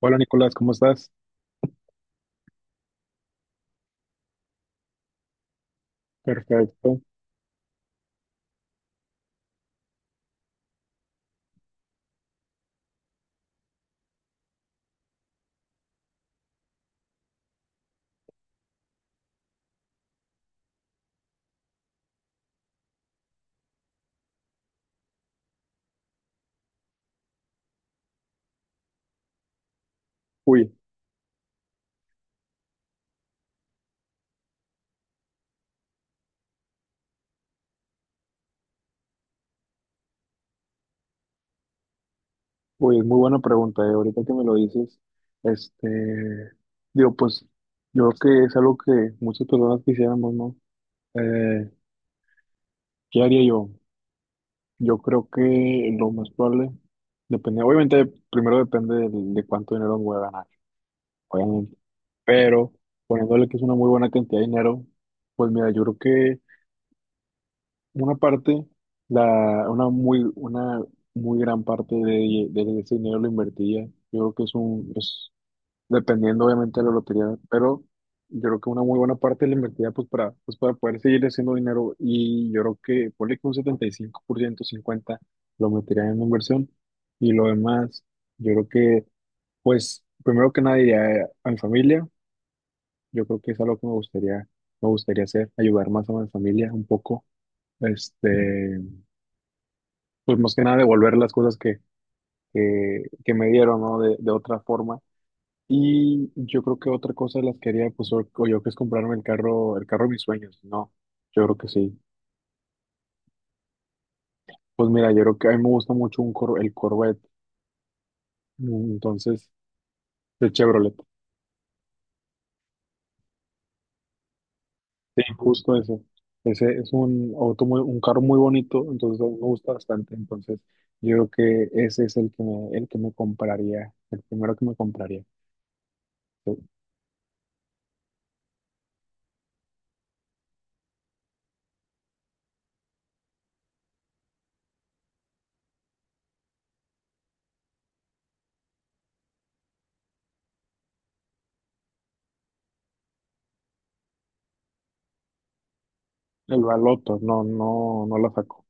Hola Nicolás, ¿cómo estás? Perfecto. Uy, uy, es muy buena pregunta, ahorita que me lo dices, este, digo, pues yo creo que es algo que muchas personas quisiéramos, ¿no? Eh, ¿Qué haría yo? Yo creo que lo más probable, depende, obviamente primero depende de cuánto dinero me voy a ganar, obviamente, pero poniéndole que es una muy buena cantidad de dinero, pues mira, yo creo que una parte, una muy gran parte de ese dinero lo invertiría. Yo creo que es dependiendo obviamente de la lotería, pero yo creo que una muy buena parte la invertiría pues para poder seguir haciendo dinero, y yo creo que ponle que un 75%, 50% lo metería en inversión y lo demás, yo creo que pues primero que nada iría a mi familia, yo creo que es algo que me gustaría hacer, ayudar más a mi familia un poco. Este, pues más que nada devolver las cosas que me dieron, ¿no? De otra forma. Y yo creo que otra cosa de las que haría, pues, o yo que es comprarme el carro de mis sueños, ¿no? Yo creo que sí. Pues mira, yo creo que a mí me gusta mucho el Corvette, mm, entonces, el Chevrolet. Sí, justo eso. Ese es un carro muy bonito, entonces a mí me gusta bastante. Entonces, yo creo que ese es el que me compraría, el primero que me compraría. El baloto, no, no la saco.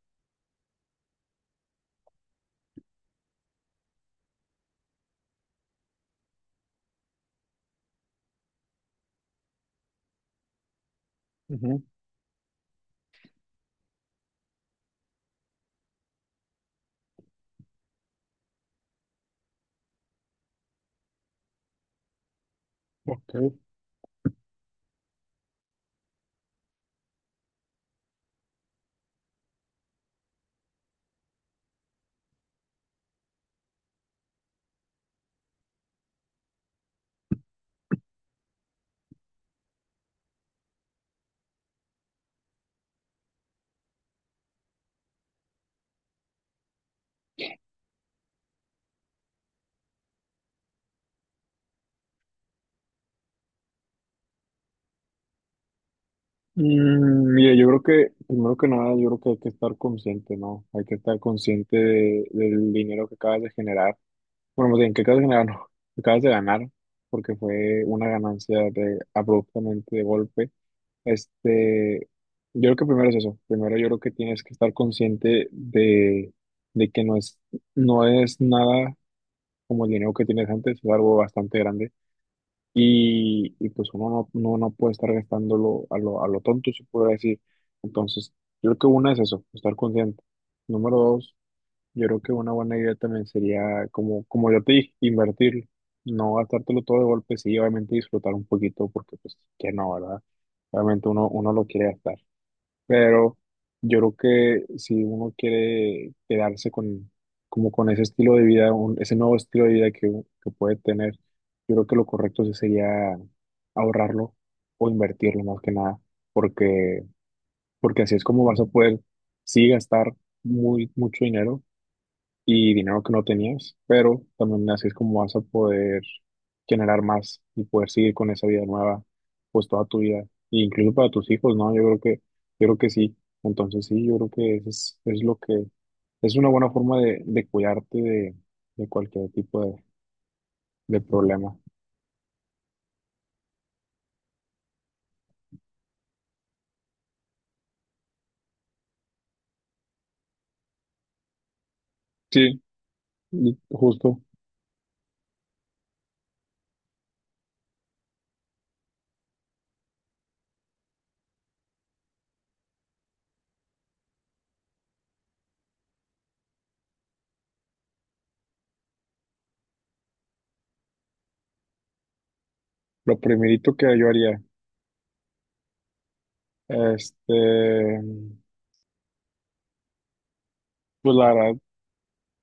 Ok. Mira, yo creo que, primero que nada, yo creo que hay que estar consciente, ¿no? Hay que estar consciente del dinero que acabas de generar. Bueno, más bien, que acabas de generar, no, que acabas de ganar, porque fue una ganancia de, abruptamente de golpe. Este, yo creo que primero es eso. Primero yo creo que tienes que estar consciente de que no es, no es nada como el dinero que tienes antes, es algo bastante grande y pues uno no, no puede estar gastándolo a lo tonto, se puede decir. Entonces, yo creo que una es eso, estar consciente. Número dos, yo creo que una buena idea también sería, como, como yo te dije, invertir, no gastártelo todo de golpe, sí, obviamente disfrutar un poquito, porque pues que no, ¿verdad? Obviamente uno lo quiere gastar. Pero yo creo que si uno quiere quedarse con, como con ese estilo de vida, ese nuevo estilo de vida que, que puede tener, yo creo que lo correcto sí sería ahorrarlo o invertirlo más que nada, porque, porque así es como vas a poder, sí, gastar mucho dinero y dinero que no tenías, pero también así es como vas a poder generar más y poder seguir con esa vida nueva, pues toda tu vida, e incluso para tus hijos, ¿no? Yo creo que sí. Entonces sí, yo creo que es lo que es una buena forma de cuidarte de cualquier tipo de problema. Sí, y justo. Lo primerito que yo haría, este, pues la verdad,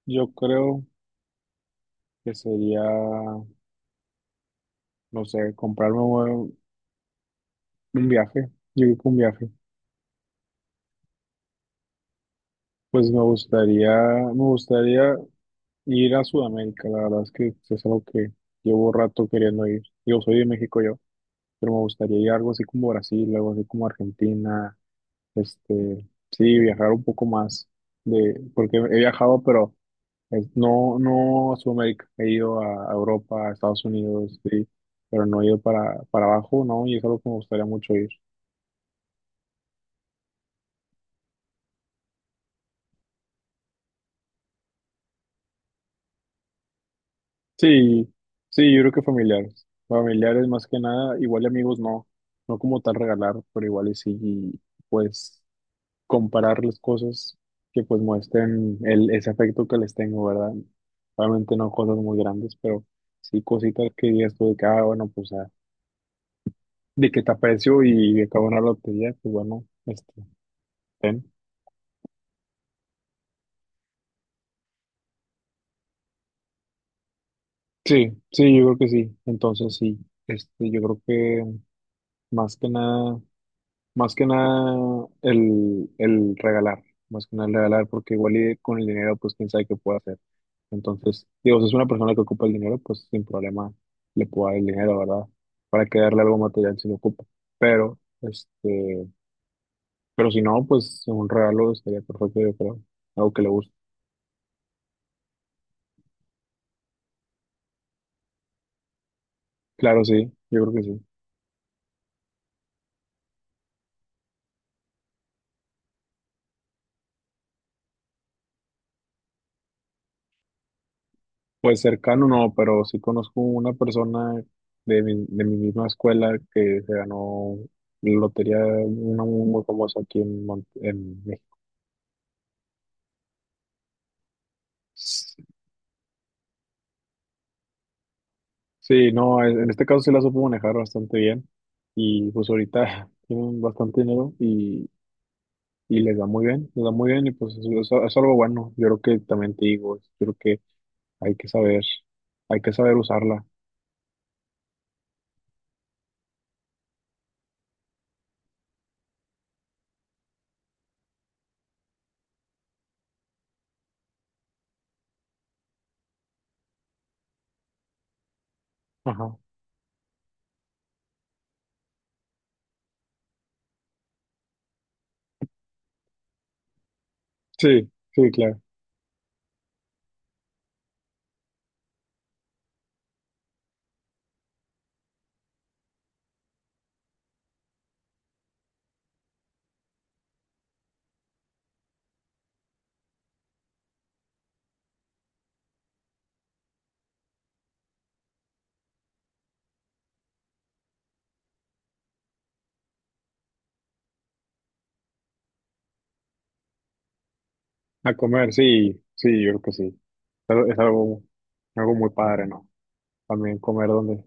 yo creo que sería, no sé, comprarme un viaje, yo creo que un viaje. Pues me gustaría ir a Sudamérica, la verdad es que es algo que llevo rato queriendo ir. Yo soy de México yo, pero me gustaría ir a algo así como Brasil, algo así como Argentina, sí, viajar un poco más de, porque he viajado, pero no a Sudamérica, he ido a Europa, a Estados Unidos, sí, pero no he ido para abajo, ¿no? Y es algo que me gustaría mucho ir. Sí, sí, yo creo que familiares. Familiares más que nada, igual y amigos no, no como tal regalar, pero igual y sí, y, pues comparar las cosas que pues muestren el, ese afecto que les tengo, ¿verdad? Obviamente no cosas muy grandes, pero sí cositas que digas tú de que, ah, bueno, pues ah, de que te aprecio y acabo una lotería, pues bueno, ten. Sí, sí, yo creo que sí. Entonces sí, yo creo que más que nada. Más que nada el regalar, más que nada el regalar, porque igual y con el dinero, pues quién sabe qué puede hacer. Entonces, digo, si es una persona que ocupa el dinero, pues sin problema le puedo dar el dinero, ¿verdad? Para que darle algo material si lo ocupa. Pero, pero si no, pues un regalo estaría perfecto, yo creo. Algo que le guste. Claro, sí, yo creo que sí. Pues cercano no, pero sí conozco una persona de mi misma escuela que se ganó la lotería, una muy, muy famosa aquí en, en México. Sí, no, en este caso sí la supo manejar bastante bien y pues ahorita tienen bastante dinero y les da muy bien, les da muy bien y pues es algo bueno. Yo creo que también te digo, yo creo que hay que saber, hay que saber usarla. Ajá. Sí, sí, claro. A comer, sí, sí, yo creo que sí. Pero es algo, algo muy padre, ¿no? También comer donde.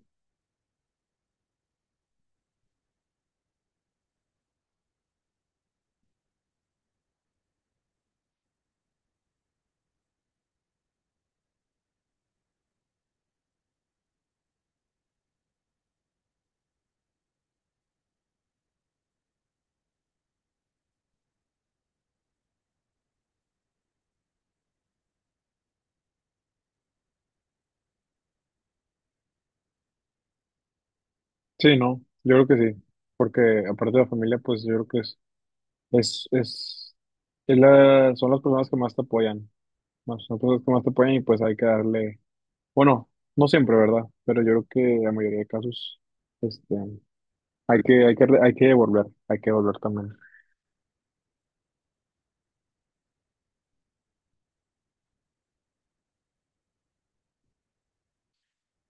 Sí, no, yo creo que sí. Porque aparte de la familia, pues yo creo que es, es, es son las personas que más te apoyan. ¿No? Son las personas que más te apoyan y pues hay que darle, bueno, no siempre, ¿verdad? Pero yo creo que en la mayoría de casos, este, hay que devolver también.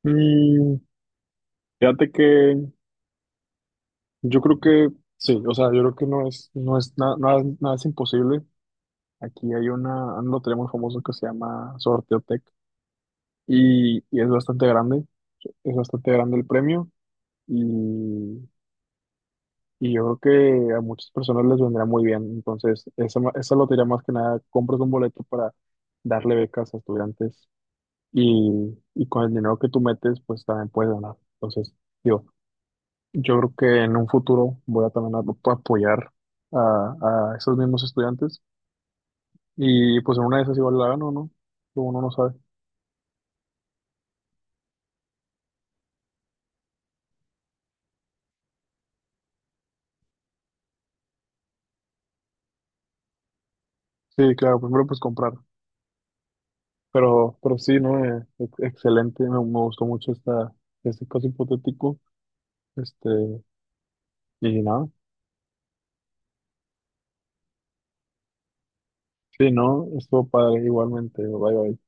Mm, fíjate que yo creo que sí, o sea, yo creo que no es, nada, nada es imposible. Aquí hay un lotería muy famosa que se llama Sorteotec y es bastante grande el premio y, y yo creo que a muchas personas les vendrá muy bien. Entonces, esa lotería más que nada, compras un boleto para darle becas a estudiantes y con el dinero que tú metes, pues también puedes ganar. Entonces, digo, yo creo que en un futuro voy a también a apoyar a, a esos mismos estudiantes y pues en una de esas igual la gano, ¿no? Uno no sabe. Sí, claro, primero pues comprar. Pero sí, ¿no? Excelente, me gustó mucho este caso hipotético. Este, y nada, sí, ¿no? Estuvo padre igualmente. Bye, bye.